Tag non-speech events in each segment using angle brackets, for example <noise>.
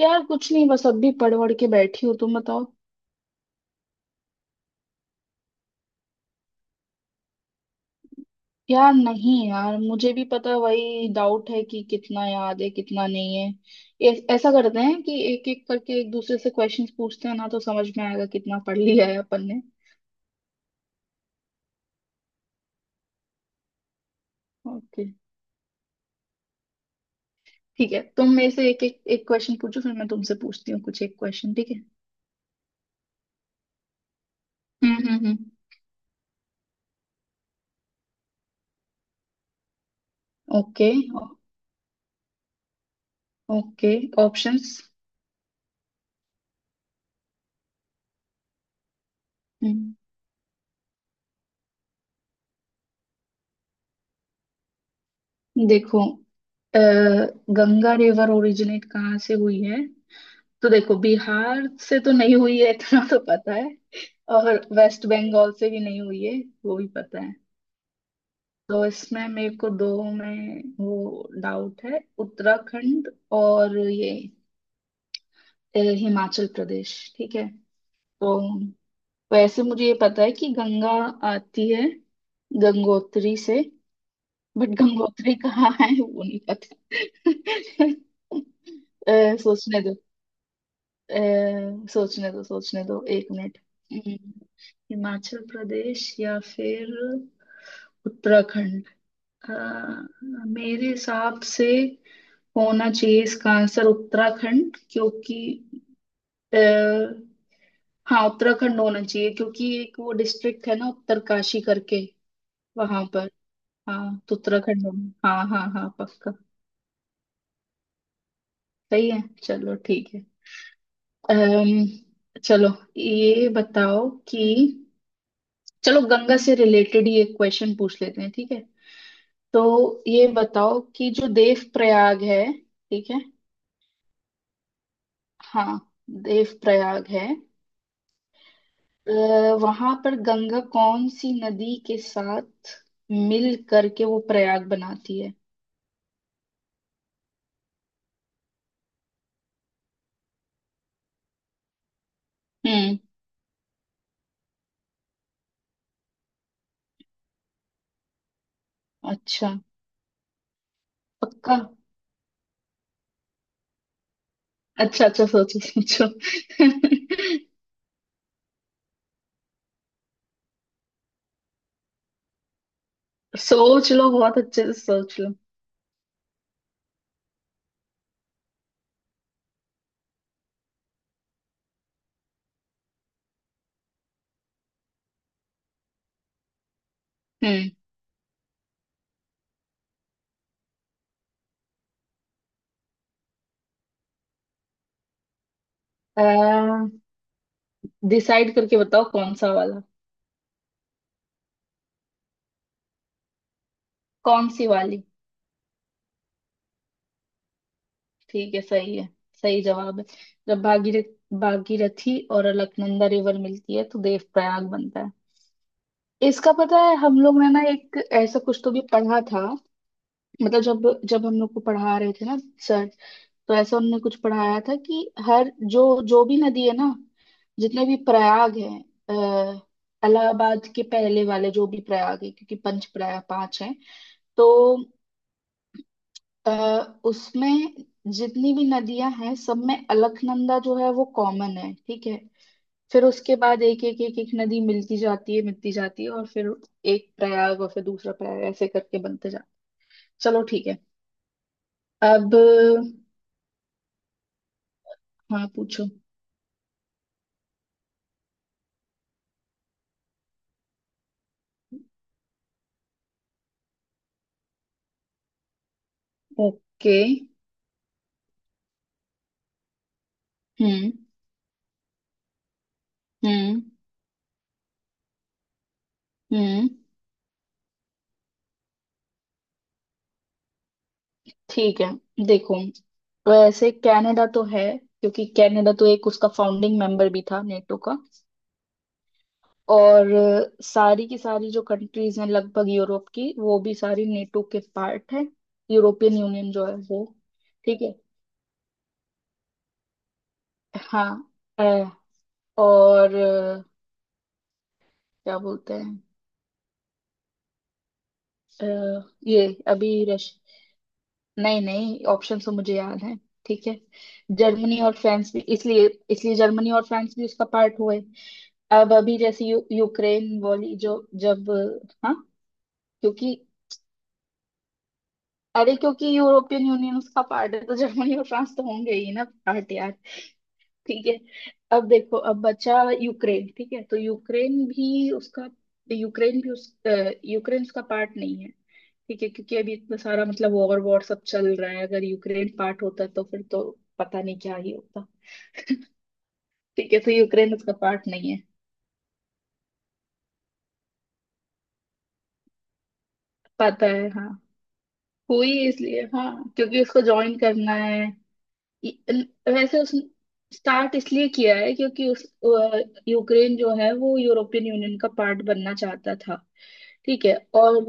यार कुछ नहीं, बस अभी पढ़ वढ़ के बैठी हूँ। तुम बताओ। यार नहीं यार, मुझे भी पता, वही डाउट है कि कितना याद है कितना नहीं है। ए, ऐसा करते हैं कि एक एक करके एक दूसरे से क्वेश्चंस पूछते हैं ना, तो समझ में आएगा कितना पढ़ लिया है अपन ने। ओके। ठीक है, तुम मेरे से एक एक एक क्वेश्चन पूछो, फिर मैं तुमसे पूछती हूँ कुछ एक क्वेश्चन। ठीक है? हम्म। हम्म। हम्म। ओके। ओके। ऑप्शंस? हम्म। देखो, अ, गंगा रिवर ओरिजिनेट कहाँ से हुई है? तो देखो, बिहार से तो नहीं हुई है, इतना तो पता है। और वेस्ट बंगाल से भी नहीं हुई है, वो भी पता है। तो इसमें मेरे को दो में वो डाउट है, उत्तराखंड और ये हिमाचल प्रदेश। ठीक है? तो वैसे मुझे ये पता है कि गंगा आती है गंगोत्री से। बट गंगोत्री कहाँ है वो नहीं पता। <laughs> सोचने दो। सोचने दो सोचने दो, एक मिनट। हम्म। हिमाचल प्रदेश या फिर उत्तराखंड। अ, मेरे हिसाब से होना चाहिए इसका आंसर उत्तराखंड, क्योंकि आ, हाँ उत्तराखंड होना चाहिए, क्योंकि एक वो डिस्ट्रिक्ट है ना, उत्तरकाशी करके वहां पर। हाँ तो उत्तराखंड होना, हाँ हाँ हाँ, पक्का। सही है, चलो ठीक है। अम्म चलो। ये बताओ कि, चलो गंगा से रिलेटेड ही एक क्वेश्चन पूछ लेते हैं, ठीक है? तो ये बताओ कि जो देव प्रयाग है, ठीक है, हाँ देव प्रयाग है, वहां पर गंगा कौन सी नदी के साथ मिल करके वो प्रयाग बनाती है? हम्म। अच्छा। पक्का? अच्छा अच्छा, सोचो सोचो। <laughs> सोच लो, बहुत अच्छे से सोच लो। हम्म। डिसाइड करके बताओ कौन सा वाला। कौन सी वाली? ठीक है, सही है। सही जवाब है। जब भागीरथी और अलकनंदा रिवर मिलती है तो देव प्रयाग बनता है। इसका पता है हम लोग ने ना, एक ऐसा कुछ तो भी पढ़ा था। मतलब जब जब हम लोग को पढ़ा रहे थे ना, सर, तो ऐसा उन्होंने कुछ पढ़ाया था कि हर जो जो भी नदी है ना, जितने भी प्रयाग हैं, इलाहाबाद के पहले वाले जो भी प्रयाग है, क्योंकि पंच प्रयाग पांच हैं। तो अ, उसमें जितनी भी नदियां हैं, सब में अलकनंदा जो है वो कॉमन है, ठीक है। फिर उसके बाद एक एक नदी मिलती जाती है मिलती जाती है, और फिर एक प्रयाग और फिर दूसरा प्रयाग, ऐसे करके बनते जाते। चलो ठीक है। अब हाँ पूछो। ओके। हम्म। हम्म। हम्म। ठीक है, देखो, वैसे कनाडा तो है, क्योंकि कनाडा तो एक उसका फाउंडिंग मेंबर भी था नेटो का। और सारी की सारी जो कंट्रीज हैं लगभग यूरोप की, वो भी सारी नेटो के पार्ट है। यूरोपियन यूनियन जो है वो। ठीक है। हाँ। अ, और क्या बोलते हैं, अ, ये अभी रश नहीं नहीं, ऑप्शन तो मुझे याद है। ठीक है। जर्मनी और फ्रांस भी इसलिए, जर्मनी और फ्रांस भी उसका पार्ट हुए। अब अभी जैसे यूक्रेन वाली जो, जब, हाँ क्योंकि, अरे क्योंकि यूरोपियन यूनियन उसका पार्ट है तो जर्मनी और फ्रांस तो होंगे ही ना पार्ट, यार। ठीक है। अब देखो, अब बचा यूक्रेन, ठीक है। तो यूक्रेन भी उसका, यूक्रेन भी उस यूक्रेन उसका पार्ट नहीं है। ठीक है, क्योंकि अभी इतना सारा मतलब वॉर वॉर सब चल रहा है, अगर यूक्रेन पार्ट होता तो फिर तो पता नहीं क्या ही होता। ठीक है, तो यूक्रेन उसका पार्ट नहीं है। पता है हाँ। हुई इसलिए हाँ, क्योंकि उसको ज्वाइन करना है। वैसे उस स्टार्ट इसलिए किया है, क्योंकि उस यूक्रेन जो है वो यूरोपियन यूनियन का पार्ट बनना चाहता था। ठीक है। और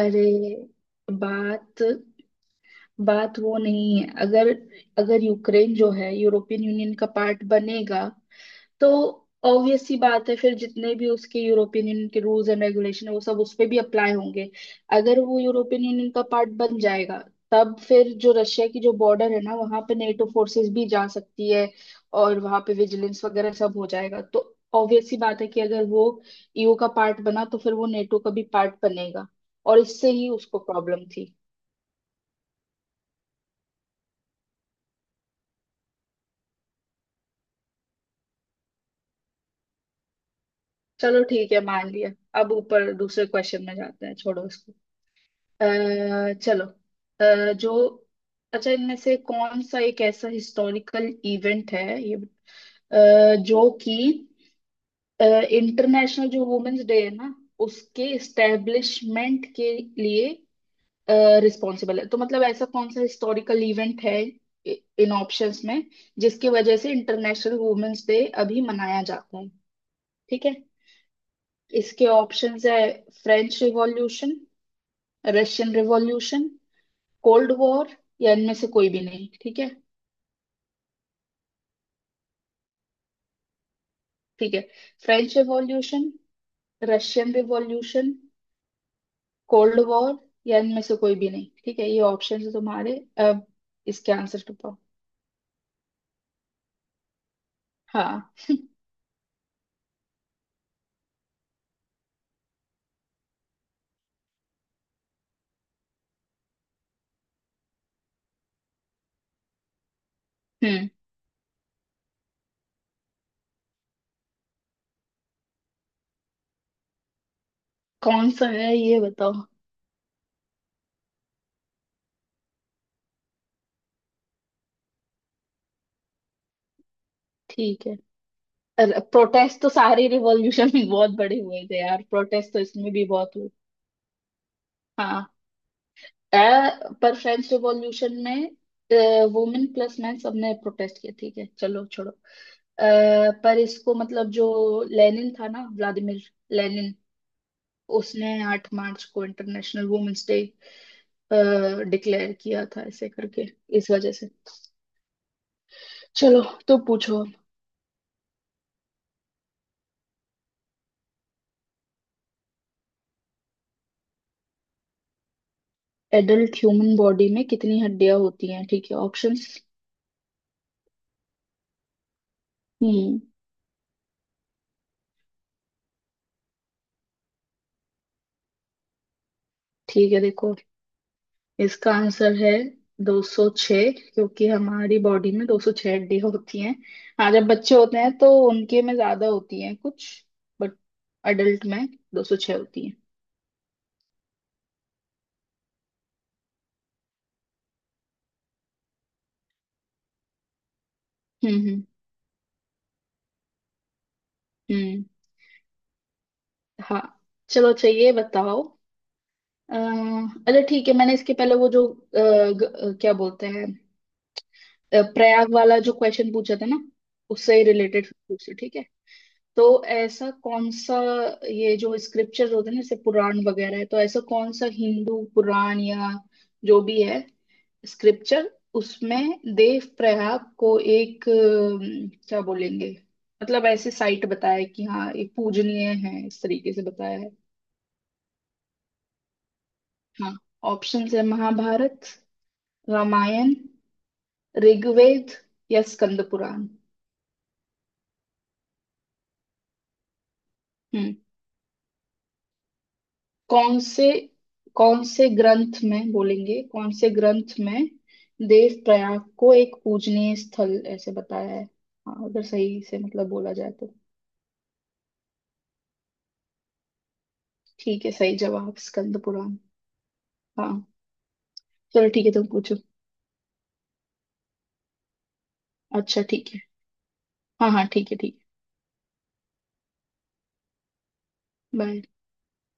अरे बात, वो नहीं है। अगर, यूक्रेन जो है यूरोपियन यूनियन का पार्ट बनेगा तो ऑब्वियस सी बात है, फिर जितने भी उसके यूरोपियन यूनियन के रूल्स एंड रेगुलेशन है वो सब उस पे भी अप्लाई होंगे। अगर वो यूरोपियन यूनियन का पार्ट बन जाएगा, तब फिर जो रशिया की जो बॉर्डर है ना, वहां पे नेटो फोर्सेस भी जा सकती है, और वहां पे विजिलेंस वगैरह सब हो जाएगा। तो ऑब्वियस सी बात है कि अगर वो ईयू का पार्ट बना तो फिर वो नेटो का भी पार्ट बनेगा, और इससे ही उसको प्रॉब्लम थी। चलो ठीक है, मान लिया। अब ऊपर दूसरे क्वेश्चन में जाते हैं, छोड़ो इसको। अ, चलो। जो, अच्छा, इनमें से कौन सा एक ऐसा हिस्टोरिकल इवेंट है ये, जो कि इंटरनेशनल जो वुमेन्स डे है ना उसके इस्टेब्लिशमेंट के लिए रिस्पॉन्सिबल है? तो मतलब ऐसा कौन सा हिस्टोरिकल इवेंट है, इन ऑप्शंस में, जिसकी वजह से इंटरनेशनल वुमेन्स डे अभी मनाया जाता है? ठीक है? इसके ऑप्शंस है French revolution, Russian revolution, cold war, या इनमें से कोई भी नहीं। ठीक है? ठीक है। French revolution, Russian revolution, cold war, या इनमें से कोई भी नहीं, ठीक है, ये ऑप्शन है तुम्हारे। अब इसके आंसर तो पाओ। हाँ। हम्म। कौन सा है ये बताओ? ठीक है। प्रोटेस्ट तो सारे रिवॉल्यूशन में बहुत बड़े हुए थे यार, प्रोटेस्ट तो इसमें भी बहुत हुए। हाँ। अ, पर फ्रेंच रिवॉल्यूशन में वुमेन प्लस मैन सबने प्रोटेस्ट किया, ठीक है, चलो छोड़ो। पर इसको मतलब जो लेनिन था ना, व्लादिमीर लेनिन, उसने 8 मार्च को इंटरनेशनल वुमेन्स डे डिक्लेयर किया था ऐसे करके, इस वजह से। चलो, तो पूछो। एडल्ट ह्यूमन बॉडी में कितनी हड्डियां होती हैं, ठीक है, ऑप्शंस? हम्म। ठीक है देखो, इसका आंसर है 206, क्योंकि हमारी बॉडी में 206 हड्डी होती हैं। हाँ जब बच्चे होते हैं तो उनके में ज्यादा होती हैं कुछ, बट अडल्ट में 206 होती हैं। हम्म। हम्म। हम्म, हाँ। चलो अच्छा ये बताओ। अ, अच्छा ठीक है, मैंने इसके पहले वो जो क्या बोलते हैं, प्रयाग वाला जो क्वेश्चन पूछा था ना, उससे रिलेटेड पूछे, ठीक है? तो ऐसा कौन सा, ये जो स्क्रिप्चर होते हैं ना जैसे पुराण वगैरह है, तो ऐसा कौन सा हिंदू पुराण या जो भी है स्क्रिप्चर, उसमें देव प्रयाग को एक क्या बोलेंगे, मतलब ऐसे साइट बताया है कि हाँ ये पूजनीय है, इस तरीके से बताया है। हाँ, ऑप्शंस है महाभारत, रामायण, ऋग्वेद, या स्कंद पुराण। कौन से कौन से ग्रंथ में बोलेंगे, कौन से ग्रंथ में देव प्रयाग को एक पूजनीय स्थल ऐसे बताया है, हाँ अगर सही से मतलब बोला जाए तो? ठीक है, सही जवाब स्कंद पुराण। हाँ। चलो ठीक है, तुम पूछो। अच्छा ठीक है, हाँ हाँ ठीक है ठीक है, बाय।